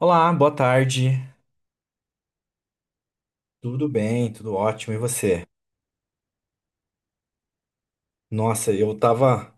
Olá, boa tarde. Tudo bem, tudo ótimo. E você? Nossa, eu tava,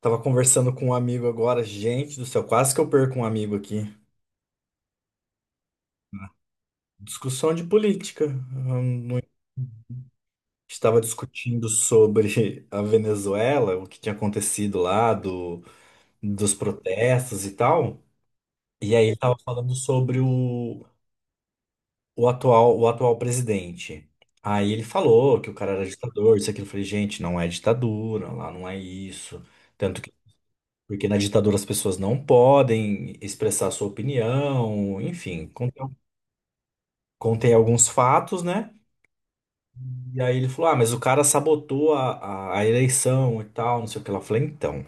tava conversando com um amigo agora. Gente do céu, quase que eu perco um amigo aqui. Discussão de política. Estava discutindo sobre a Venezuela, o que tinha acontecido lá, dos protestos e tal. E aí ele tava falando sobre o atual presidente. Aí ele falou que o cara era ditador, isso e aquilo. Eu falei, gente, não é ditadura, lá não é isso. Tanto Porque na ditadura as pessoas não podem expressar sua opinião, enfim, contém alguns fatos, né? E aí ele falou: Ah, mas o cara sabotou a eleição e tal, não sei o que. Ela falou: Então,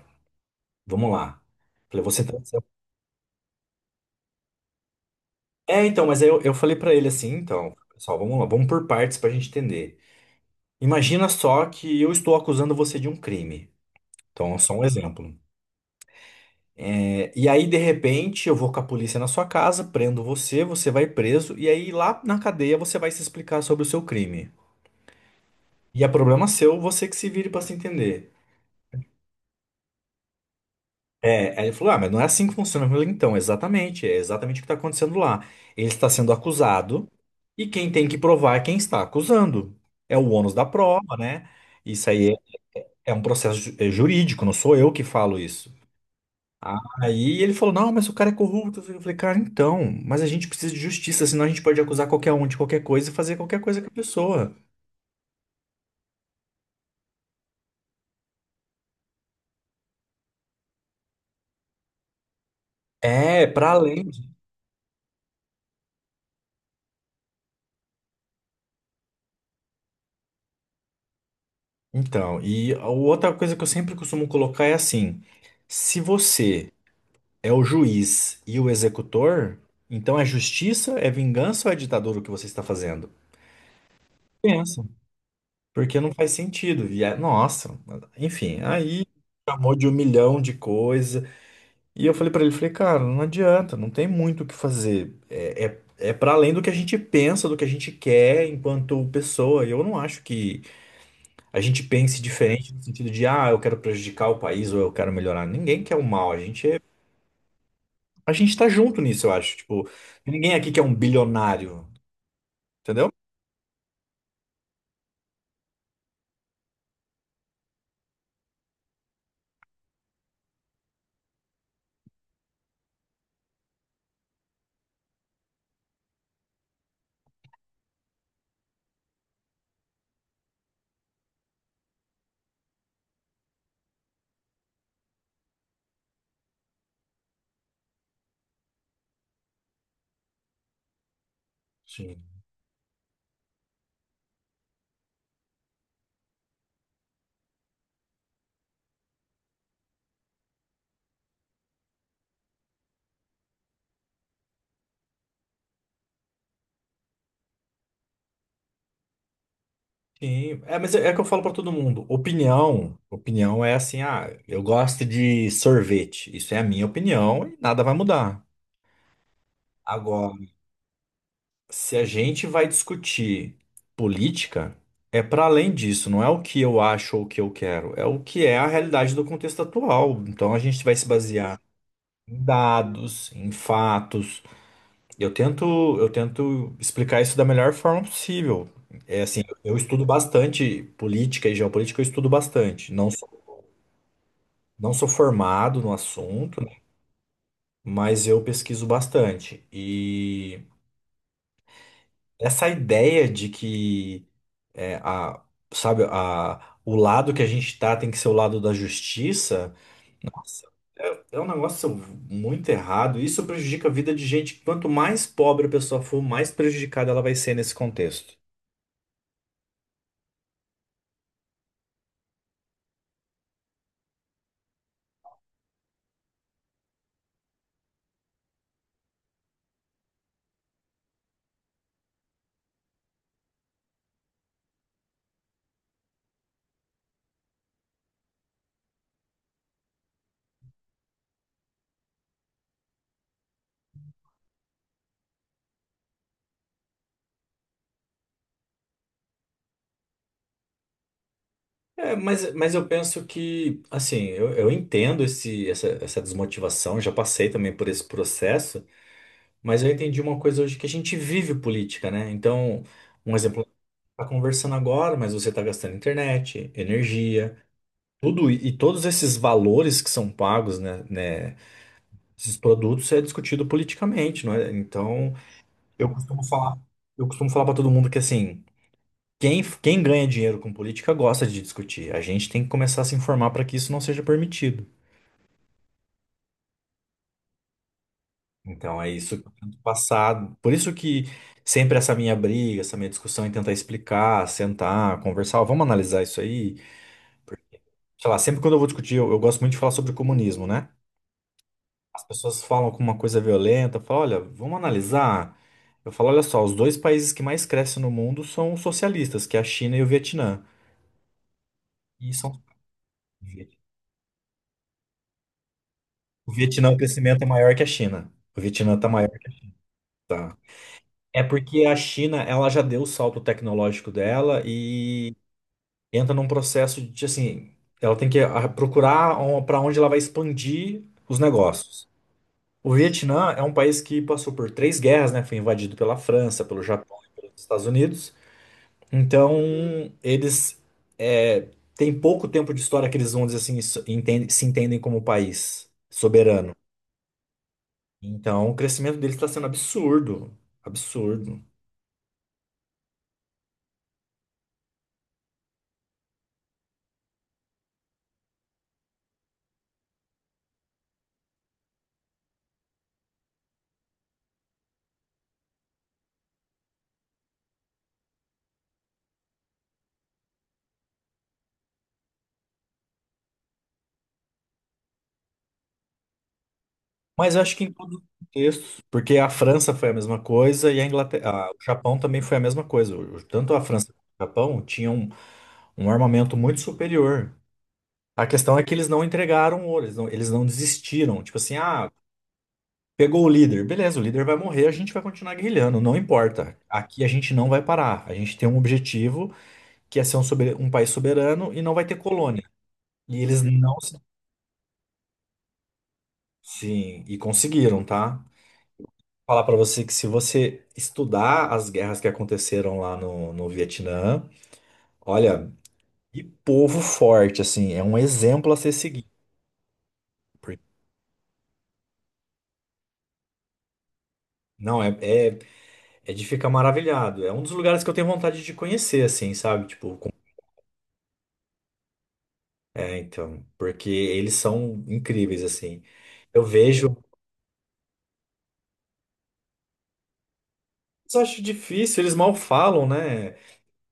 vamos lá. Falei: Você tá. É, então, mas aí eu falei pra ele assim: Então, pessoal, vamos lá, vamos por partes pra gente entender. Imagina só que eu estou acusando você de um crime. Então, só um exemplo. É, e aí, de repente, eu vou com a polícia na sua casa, prendo você, você vai preso, e aí lá na cadeia você vai se explicar sobre o seu crime. E é problema seu, você que se vire pra se entender. É, aí ele falou: Ah, mas não é assim que funciona. Eu falei, então, exatamente, é exatamente o que tá acontecendo lá. Ele está sendo acusado, e quem tem que provar é quem está acusando. É o ônus da prova, né? Isso aí é um processo jurídico, não sou eu que falo isso. Aí ele falou, não, mas o cara é corrupto. Eu falei, cara, então, mas a gente precisa de justiça, senão a gente pode acusar qualquer um de qualquer coisa e fazer qualquer coisa com a pessoa. É, pra além. de- Então, e a outra coisa que eu sempre costumo colocar é assim: se você é o juiz e o executor, então é justiça, é vingança ou é ditadura o que você está fazendo? Pensa, porque não faz sentido. E é- nossa, enfim, aí chamou de um milhão de coisas. E eu falei pra ele, falei, cara, não adianta, não tem muito o que fazer. É para além do que a gente pensa, do que a gente quer enquanto pessoa. E eu não acho que a gente pense diferente no sentido de, ah, eu quero prejudicar o país ou eu quero melhorar. Ninguém quer o mal. A gente tá junto nisso, eu acho. Tipo, ninguém aqui quer um bilionário, entendeu? Sim. Sim, é, é que eu falo pra todo mundo. Opinião, opinião é assim, ah, eu gosto de sorvete. Isso é a minha opinião e nada vai mudar. Agora, se a gente vai discutir política, é para além disso, não é o que eu acho ou o que eu quero, é o que é a realidade do contexto atual. Então a gente vai se basear em dados, em fatos. Eu tento, eu tento explicar isso da melhor forma possível. É assim, eu estudo bastante política e geopolítica, eu estudo bastante. Não sou formado no assunto, né? Mas eu pesquiso bastante. E essa ideia de que É, a, sabe, o lado que a gente tá tem que ser o lado da justiça. Nossa, é um negócio muito errado. Isso prejudica a vida de gente. Quanto mais pobre a pessoa for, mais prejudicada ela vai ser nesse contexto. É, mas eu penso que, assim, eu entendo essa desmotivação, já passei também por esse processo, mas eu entendi uma coisa hoje que a gente vive política, né? Então, um exemplo, tá conversando agora, mas você tá gastando internet, energia. Tudo e todos esses valores que são pagos, né, esses produtos é discutido politicamente, não é? Então, eu costumo falar, eu costumo falar para todo mundo que assim, quem ganha dinheiro com política gosta de discutir. A gente tem que começar a se informar para que isso não seja permitido. Então, é isso que eu tento passar. Por isso que sempre essa minha briga, essa minha discussão em tentar explicar, sentar, conversar, ó, vamos analisar isso aí. Sei lá, sempre quando eu vou discutir, eu gosto muito de falar sobre o comunismo, né? As pessoas falam com uma coisa violenta, falam, olha, vamos analisar. Eu falo, olha só, os dois países que mais crescem no mundo são os socialistas, que é a China e o Vietnã. E são... O Vietnã, o crescimento é maior que a China. O Vietnã está maior que tá. É porque a China, ela já deu o salto tecnológico dela e entra num processo de, assim, ela tem que procurar para onde ela vai expandir os negócios. O Vietnã é um país que passou por três guerras, né? Foi invadido pela França, pelo Japão e pelos Estados Unidos. Então, eles é, têm pouco tempo de história que eles vão dizer assim, se entendem como país soberano. Então, o crescimento deles está sendo absurdo, absurdo. Mas eu acho que em todos os contextos, porque a França foi a mesma coisa e a Inglaterra, o Japão também foi a mesma coisa. Tanto a França quanto o Japão tinham um armamento muito superior. A questão é que eles não entregaram ouro, eles não desistiram. Tipo assim, pegou o líder, beleza, o líder vai morrer, a gente vai continuar guerrilhando, não importa. Aqui a gente não vai parar. A gente tem um objetivo que é ser um, um país soberano e não vai ter colônia. E eles não se... Sim, e conseguiram, tá? Falar pra você que se você estudar as guerras que aconteceram lá no Vietnã, olha, que povo forte, assim, é um exemplo a ser seguido. Porque- Não, é, é, é de ficar maravilhado. É um dos lugares que eu tenho vontade de conhecer, assim, sabe? Tipo, é, então, porque eles são incríveis, assim. Eu vejo, mas eu acho difícil, eles mal falam, né?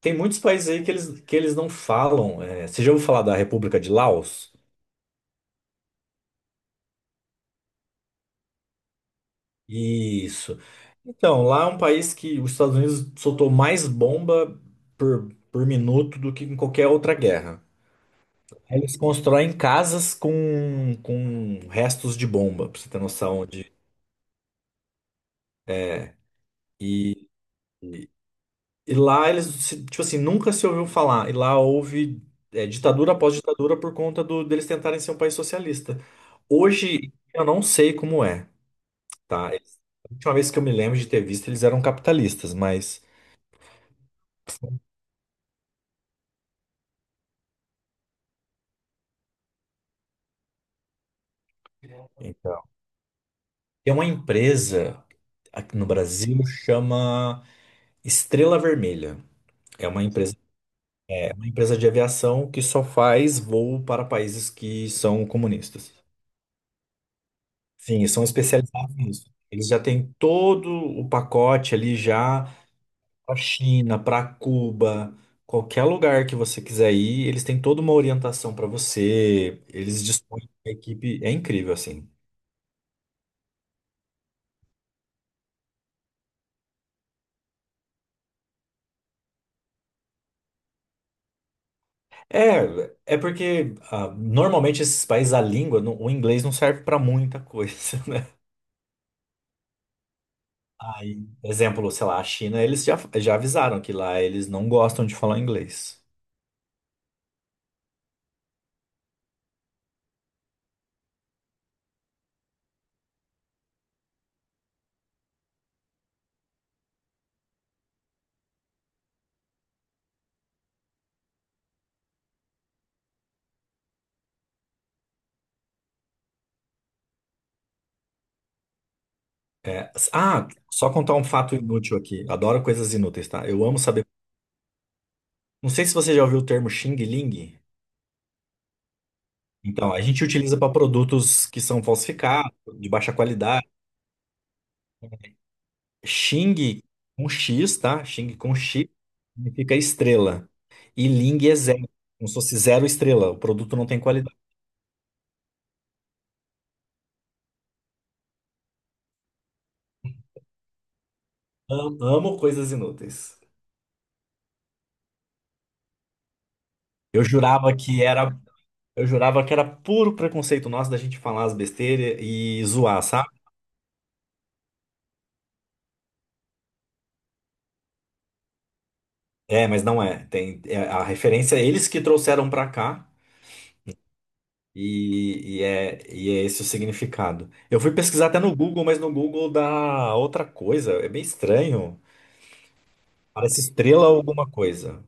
Tem muitos países aí que eles, não falam. É, você já ouviu falar da República de Laos? Isso. Então, lá é um país que os Estados Unidos soltou mais bomba por minuto do que em qualquer outra guerra. Eles constroem casas com restos de bomba, pra você ter noção de. e E lá eles, tipo assim, nunca se ouviu falar. E lá houve ditadura após ditadura por conta do, deles tentarem ser um país socialista. Hoje eu não sei como é, tá? Eles- a última vez que eu me lembro de ter visto, eles eram capitalistas, mas. Então. Tem uma empresa aqui no Brasil chama Estrela Vermelha. É uma empresa, é uma empresa de aviação que só faz voo para países que são comunistas. Sim, e são especializados nisso. Eles já têm todo o pacote ali já para China, para Cuba, qualquer lugar que você quiser ir, eles têm toda uma orientação para você. Eles dispõem de uma equipe, é incrível assim. É, é porque normalmente esses países a língua, o inglês não serve para muita coisa, né? Aí, exemplo, sei lá, a China, eles já avisaram que lá eles não gostam de falar inglês. É, ah, só contar um fato inútil aqui. Adoro coisas inúteis, tá? Eu amo saber. Não sei se você já ouviu o termo Xing Ling. Então, a gente utiliza para produtos que são falsificados, de baixa qualidade. Xing com X, tá? Xing com X significa estrela. E Ling é zero, como se fosse zero estrela. O produto não tem qualidade. Amo coisas inúteis. Eu jurava que era, eu jurava que era puro preconceito nosso da gente falar as besteiras e zoar, sabe? É, mas não é. Tem é a referência é eles que trouxeram pra cá e é esse o significado. Eu fui pesquisar até no Google, mas no Google dá outra coisa. É bem estranho. Parece estrela ou alguma coisa.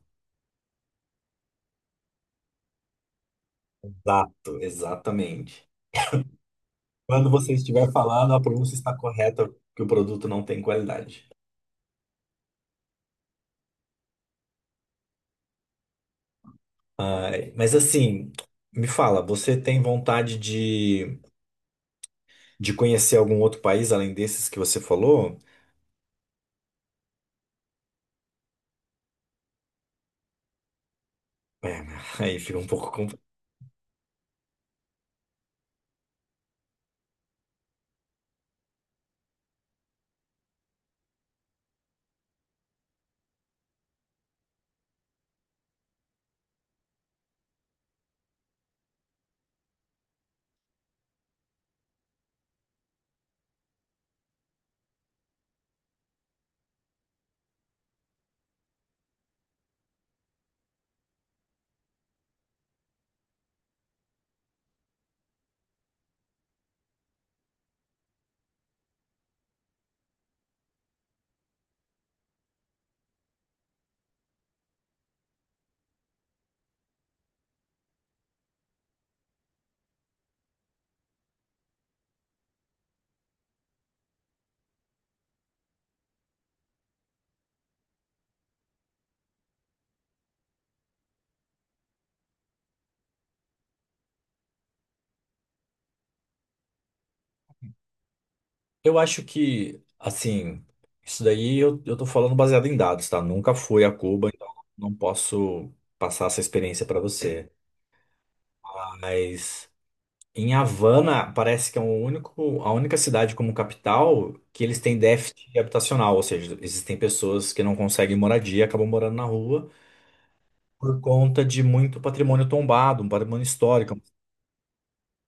Exato, exatamente. Quando você estiver falando, a pronúncia está correta, que o produto não tem qualidade. Ai, mas assim, me fala, você tem vontade de conhecer algum outro país além desses que você falou? É, aí fica um pouco. Eu acho que, assim, isso daí eu tô falando baseado em dados, tá? Nunca fui a Cuba, então não posso passar essa experiência pra você. Mas em Havana, parece que é a única cidade como capital que eles têm déficit habitacional, ou seja, existem pessoas que não conseguem moradia, acabam morando na rua por conta de muito patrimônio tombado, um patrimônio histórico,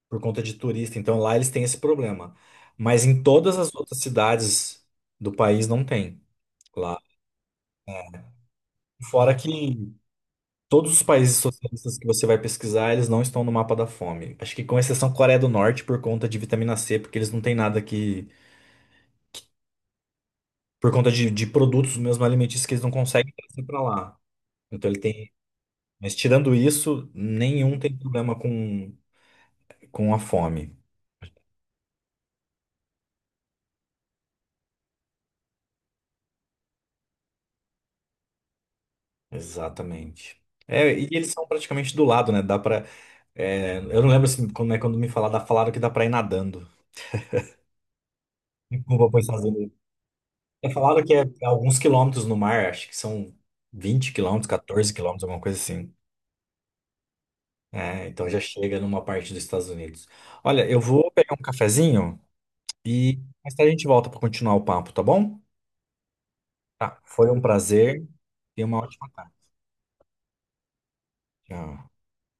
por conta de turista. Então lá eles têm esse problema. Mas em todas as outras cidades do país não tem. Lá Fora que todos os países socialistas que você vai pesquisar, eles não estão no mapa da fome. Acho que com exceção Coreia do Norte por conta de vitamina C, porque eles não têm nada que. Por conta de produtos mesmo alimentícios que eles não conseguem trazer para lá. Então ele tem. Mas tirando isso, nenhum tem problema com a fome. Exatamente. É, e eles são praticamente do lado, né? Dá pra. É, eu não lembro assim, como é quando me falar, falaram que dá pra ir nadando. Como vou pensar. É falado que é alguns quilômetros no mar, acho que são 20 quilômetros, 14 quilômetros, alguma coisa assim. É, então já chega numa parte dos Estados Unidos. Olha, eu vou pegar um cafezinho e mais tarde a gente volta para continuar o papo, tá bom? Tá, foi um prazer e uma ótima tarde. Tchau.